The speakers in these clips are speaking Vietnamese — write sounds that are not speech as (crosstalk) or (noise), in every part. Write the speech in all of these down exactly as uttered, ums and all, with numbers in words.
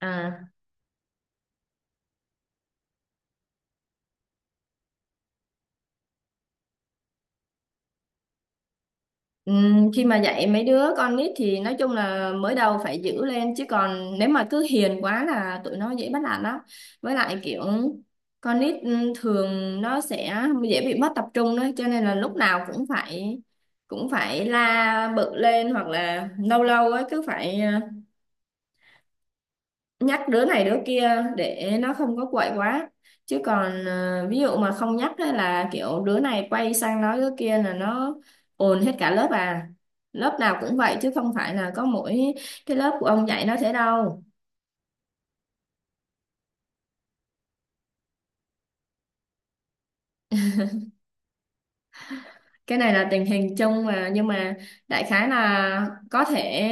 À, ừm, khi mà dạy mấy đứa con nít thì nói chung là mới đầu phải giữ lên, chứ còn nếu mà cứ hiền quá là tụi nó dễ bắt nạt lắm. Với lại kiểu con nít ừm, thường nó sẽ dễ bị mất tập trung đấy, cho nên là lúc nào cũng phải cũng phải la bự lên, hoặc là lâu lâu ấy cứ phải à, nhắc đứa này đứa kia để nó không có quậy quá. Chứ còn ờ, ví dụ mà không nhắc á là kiểu đứa này quay sang nói đứa kia là nó ồn hết cả lớp à, lớp nào cũng vậy chứ không phải là có mỗi cái lớp của ông dạy nó thế đâu. Cái này là tình hình chung mà, nhưng mà đại khái là có thể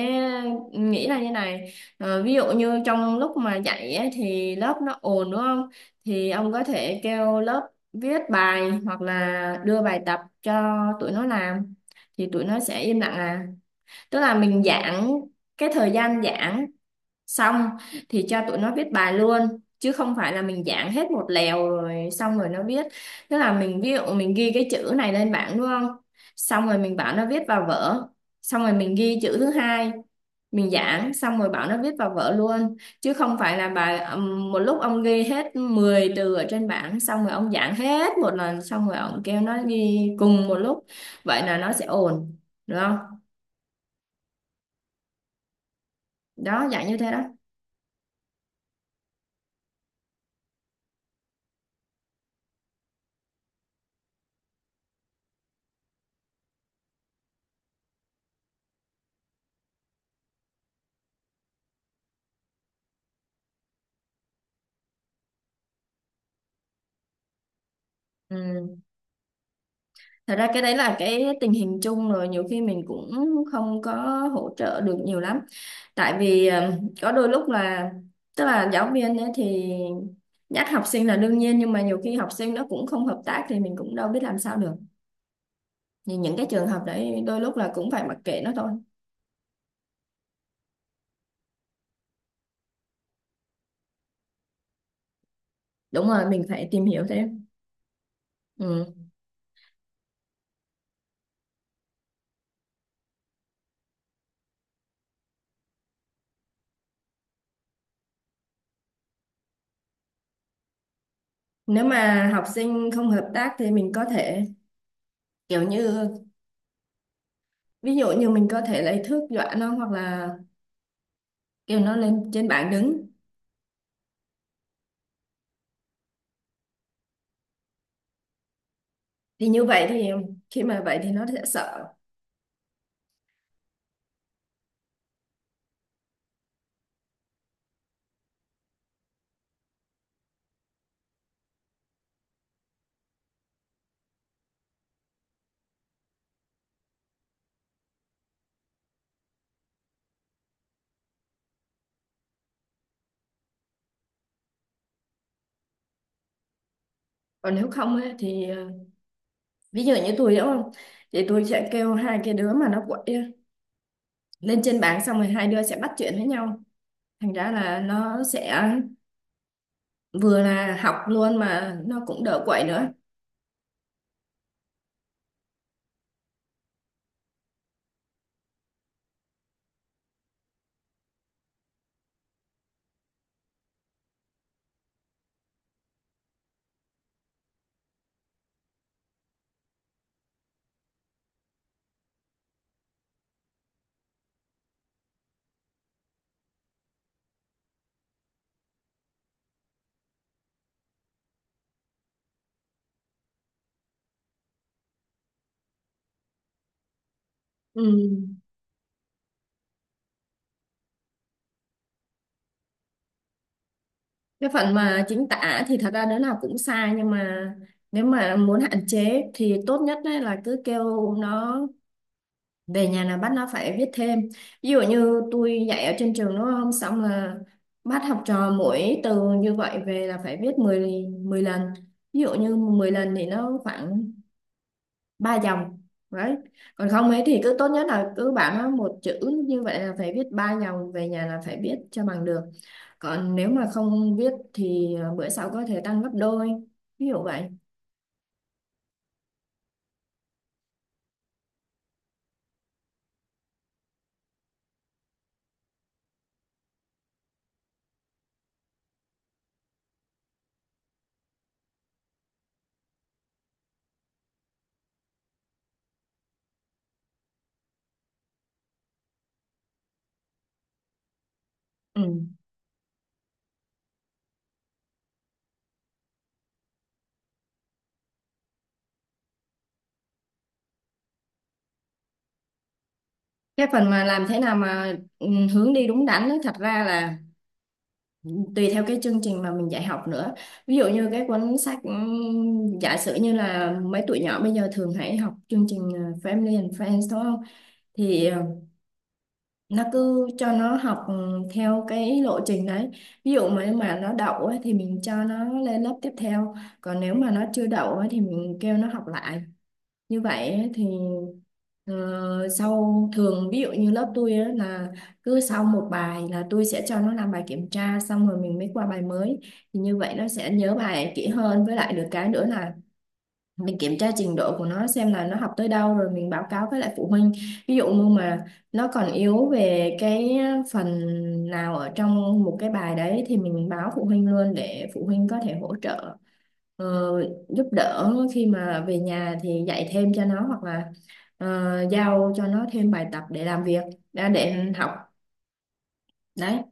nghĩ là như này. Ờ, ví dụ như trong lúc mà dạy ấy, thì lớp nó ồn đúng không, thì ông có thể kêu lớp viết bài hoặc là đưa bài tập cho tụi nó làm, thì tụi nó sẽ im lặng à. Tức là mình giãn cái thời gian giảng xong thì cho tụi nó viết bài luôn, chứ không phải là mình giảng hết một lèo rồi xong rồi nó viết. Tức là mình ví dụ mình ghi cái chữ này lên bảng đúng không, xong rồi mình bảo nó viết vào vở, xong rồi mình ghi chữ thứ hai, mình giảng xong rồi bảo nó viết vào vở luôn, chứ không phải là bài ừm, một lúc ông ghi hết mười từ ở trên bảng, xong rồi ông giảng hết một lần, xong rồi ông kêu nó ghi cùng một lúc. Vậy là nó sẽ ổn, được không? Đó, dạng như thế đó. Ừ. Thật ra cái đấy là cái tình hình chung rồi, nhiều khi mình cũng không có hỗ trợ được nhiều lắm. Tại vì ờ, có đôi lúc là tức là giáo viên ấy thì nhắc học sinh là đương nhiên, nhưng mà nhiều khi học sinh nó cũng không hợp tác thì mình cũng đâu biết làm sao được. Thì những cái trường hợp đấy đôi lúc là cũng phải mặc kệ nó thôi. Đúng rồi, mình phải tìm hiểu thêm. Ừ. Nếu mà học sinh không hợp tác thì mình có thể kiểu như ví dụ như mình có thể lấy thước dọa nó, hoặc là kêu nó lên trên bảng đứng, thì như vậy thì khi mà vậy thì nó sẽ sợ. Còn nếu không á, thì ờ, ví dụ như tôi đúng không, thì tôi sẽ kêu hai cái đứa mà nó quậy á, lên trên bảng, xong rồi hai đứa sẽ bắt chuyện với nhau, thành ra là nó sẽ vừa là học luôn mà nó cũng đỡ quậy nữa. Ừ. Cái phần mà chính tả thì thật ra đứa nào cũng sai, nhưng mà nếu mà muốn hạn chế thì tốt nhất á là cứ kêu nó về nhà là bác nó phải viết thêm. Ví dụ như tôi dạy ở trên trường đúng không, xong là bác học trò mỗi từ như vậy về là phải viết mười mười lần. Ví dụ như mười lần thì nó khoảng ba dòng đấy. Còn không ấy thì cứ tốt nhất là cứ bảo nó một chữ như vậy là phải viết ba dòng, về nhà là phải viết cho bằng được, còn nếu mà không viết thì à, bữa sau có thể tăng gấp đôi, ví dụ vậy. Ừ. Cái phần mà làm thế nào mà ừ, hướng đi đúng đắn ấy, thật ra là tùy theo cái chương trình mà mình dạy học nữa. Ví dụ như cái cuốn sách ừm, giả sử như là mấy tụi nhỏ bây giờ thường hay học chương trình ờ, Family and Friends đúng không, thì ờ, nó cứ cho nó học ừ, theo cái lộ trình đấy. Ví dụ mà mà nó đậu ấy, thì mình cho nó lên lớp tiếp theo, còn nếu mà nó chưa đậu ấy, thì mình kêu nó học lại. Như vậy ấy, thì ờ, sau thường ví dụ như lớp tôi ấy, là cứ sau một bài là tôi sẽ cho nó làm bài kiểm tra xong rồi mình mới qua bài mới, thì như vậy nó sẽ nhớ bài kỹ hơn. Với lại được cái nữa là mình kiểm tra trình độ của nó xem là nó học tới đâu rồi mình báo cáo với lại phụ huynh. Ví dụ như mà nó còn yếu về cái phần nào ở trong một cái bài đấy thì mình báo phụ huynh luôn để phụ huynh có thể hỗ trợ, ờ, giúp đỡ khi mà về nhà thì dạy thêm cho nó, hoặc là ờ, giao cho nó thêm bài tập để làm việc đã, để học đấy.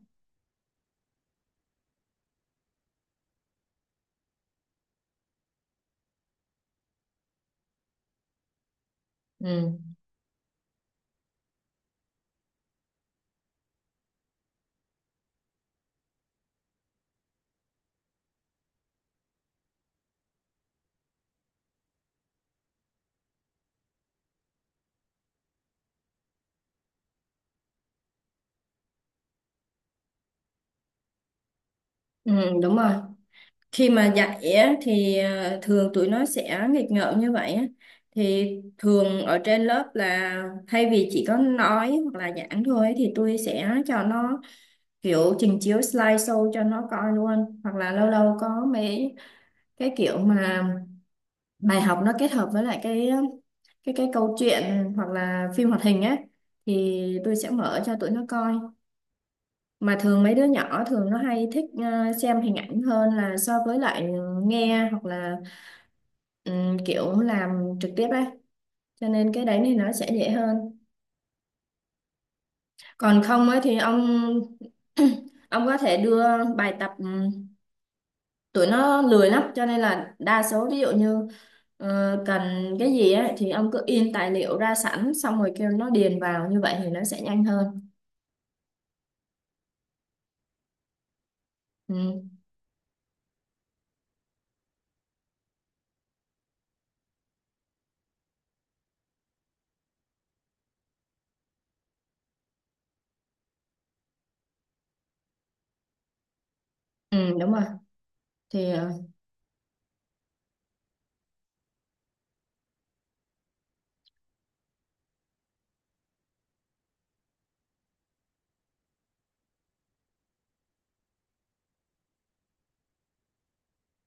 Ừ. Ừ đúng rồi. Khi mà dạy á, thì ờ, thường tụi nó sẽ nghịch ngợm như vậy á. Thì thường ở trên lớp là thay vì chỉ có nói hoặc là giảng thôi ấy, thì tôi sẽ cho nó kiểu trình chiếu slideshow cho nó coi luôn, hoặc là lâu lâu có mấy cái kiểu mà bài học nó kết hợp với lại cái cái cái câu chuyện hoặc là phim hoạt hình á, thì tôi sẽ mở cho tụi nó coi. Mà thường mấy đứa nhỏ thường nó hay thích ờ, xem hình ảnh hơn là so với lại nghe, hoặc là ừm, kiểu làm trực tiếp ấy, cho nên cái đấy thì nó sẽ dễ hơn. Còn không ấy thì ông (clears throat) ông có thể đưa bài tập. ừ, Tụi nó lười lắm cho nên là đa số, ví dụ như ờ, cần cái gì ấy, thì ông cứ in tài liệu ra sẵn xong rồi kêu nó điền vào, như vậy thì nó sẽ nhanh hơn. Ừ, ừ đúng rồi. Thì ờ,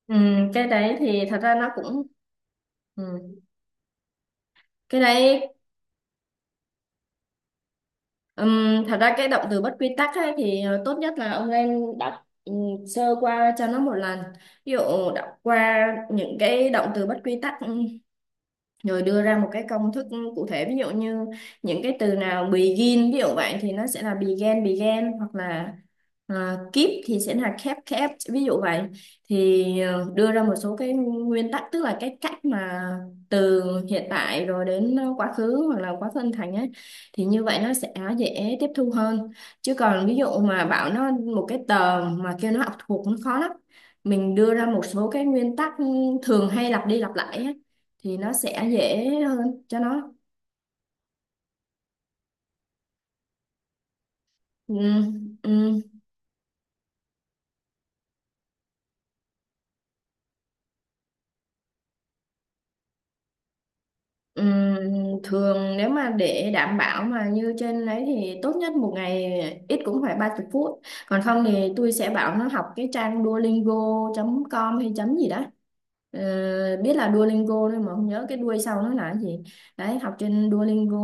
ừ, cái đấy thì thật ra nó cũng ừ. cái đấy. Ừm, thật ra cái động từ bất quy tắc ấy, thì ờ, tốt nhất là ông nên đọc ừ, sơ qua cho nó một lần. Ví dụ đọc qua những cái động từ bất quy tắc, ừ, rồi đưa ra một cái công thức cụ thể. Ví dụ như những cái từ nào begin, ví dụ vậy thì nó sẽ là began began, hoặc là à, keep thì sẽ là kept kept, ví dụ vậy. Thì ờ, đưa ra một số cái nguyên tắc, tức là cái cách mà từ hiện tại rồi đến quá khứ, hoặc là quá khứ âm thành ấy, thì như vậy nó sẽ dễ tiếp thu hơn. Chứ còn ví dụ mà bảo nó một cái tờ mà kêu nó học thuộc nó khó lắm. Mình đưa ra một số cái nguyên tắc thường hay lặp đi lặp lại ấy, thì nó sẽ dễ hơn cho nó. Ừm, ừm, ừm, thường nếu mà để đảm bảo mà như trên đấy thì tốt nhất một ngày ít cũng phải ba mươi phút. Còn không thì tôi sẽ bảo nó học cái trang duolingo chấm com hay chấm gì đó. Ờ, biết là Duolingo thôi mà không nhớ cái đuôi sau nó là cái gì. Đấy, học trên Duolingo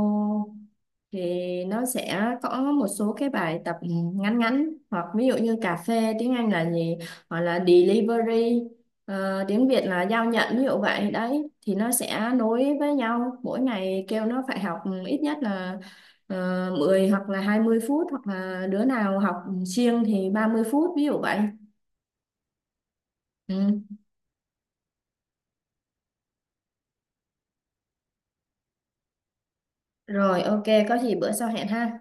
thì nó sẽ có một số cái bài tập ngắn ngắn, hoặc ví dụ như cà phê tiếng Anh là gì, hoặc là delivery, Ờ, tiếng Việt là giao nhận, ví dụ vậy đấy, thì nó sẽ nối với nhau. Mỗi ngày kêu nó phải học ít nhất là uh, mười hoặc là hai mươi phút, hoặc là đứa nào học siêng thì ba mươi phút, ví dụ vậy. Ừ. Rồi, ok, có gì bữa sau hẹn ha.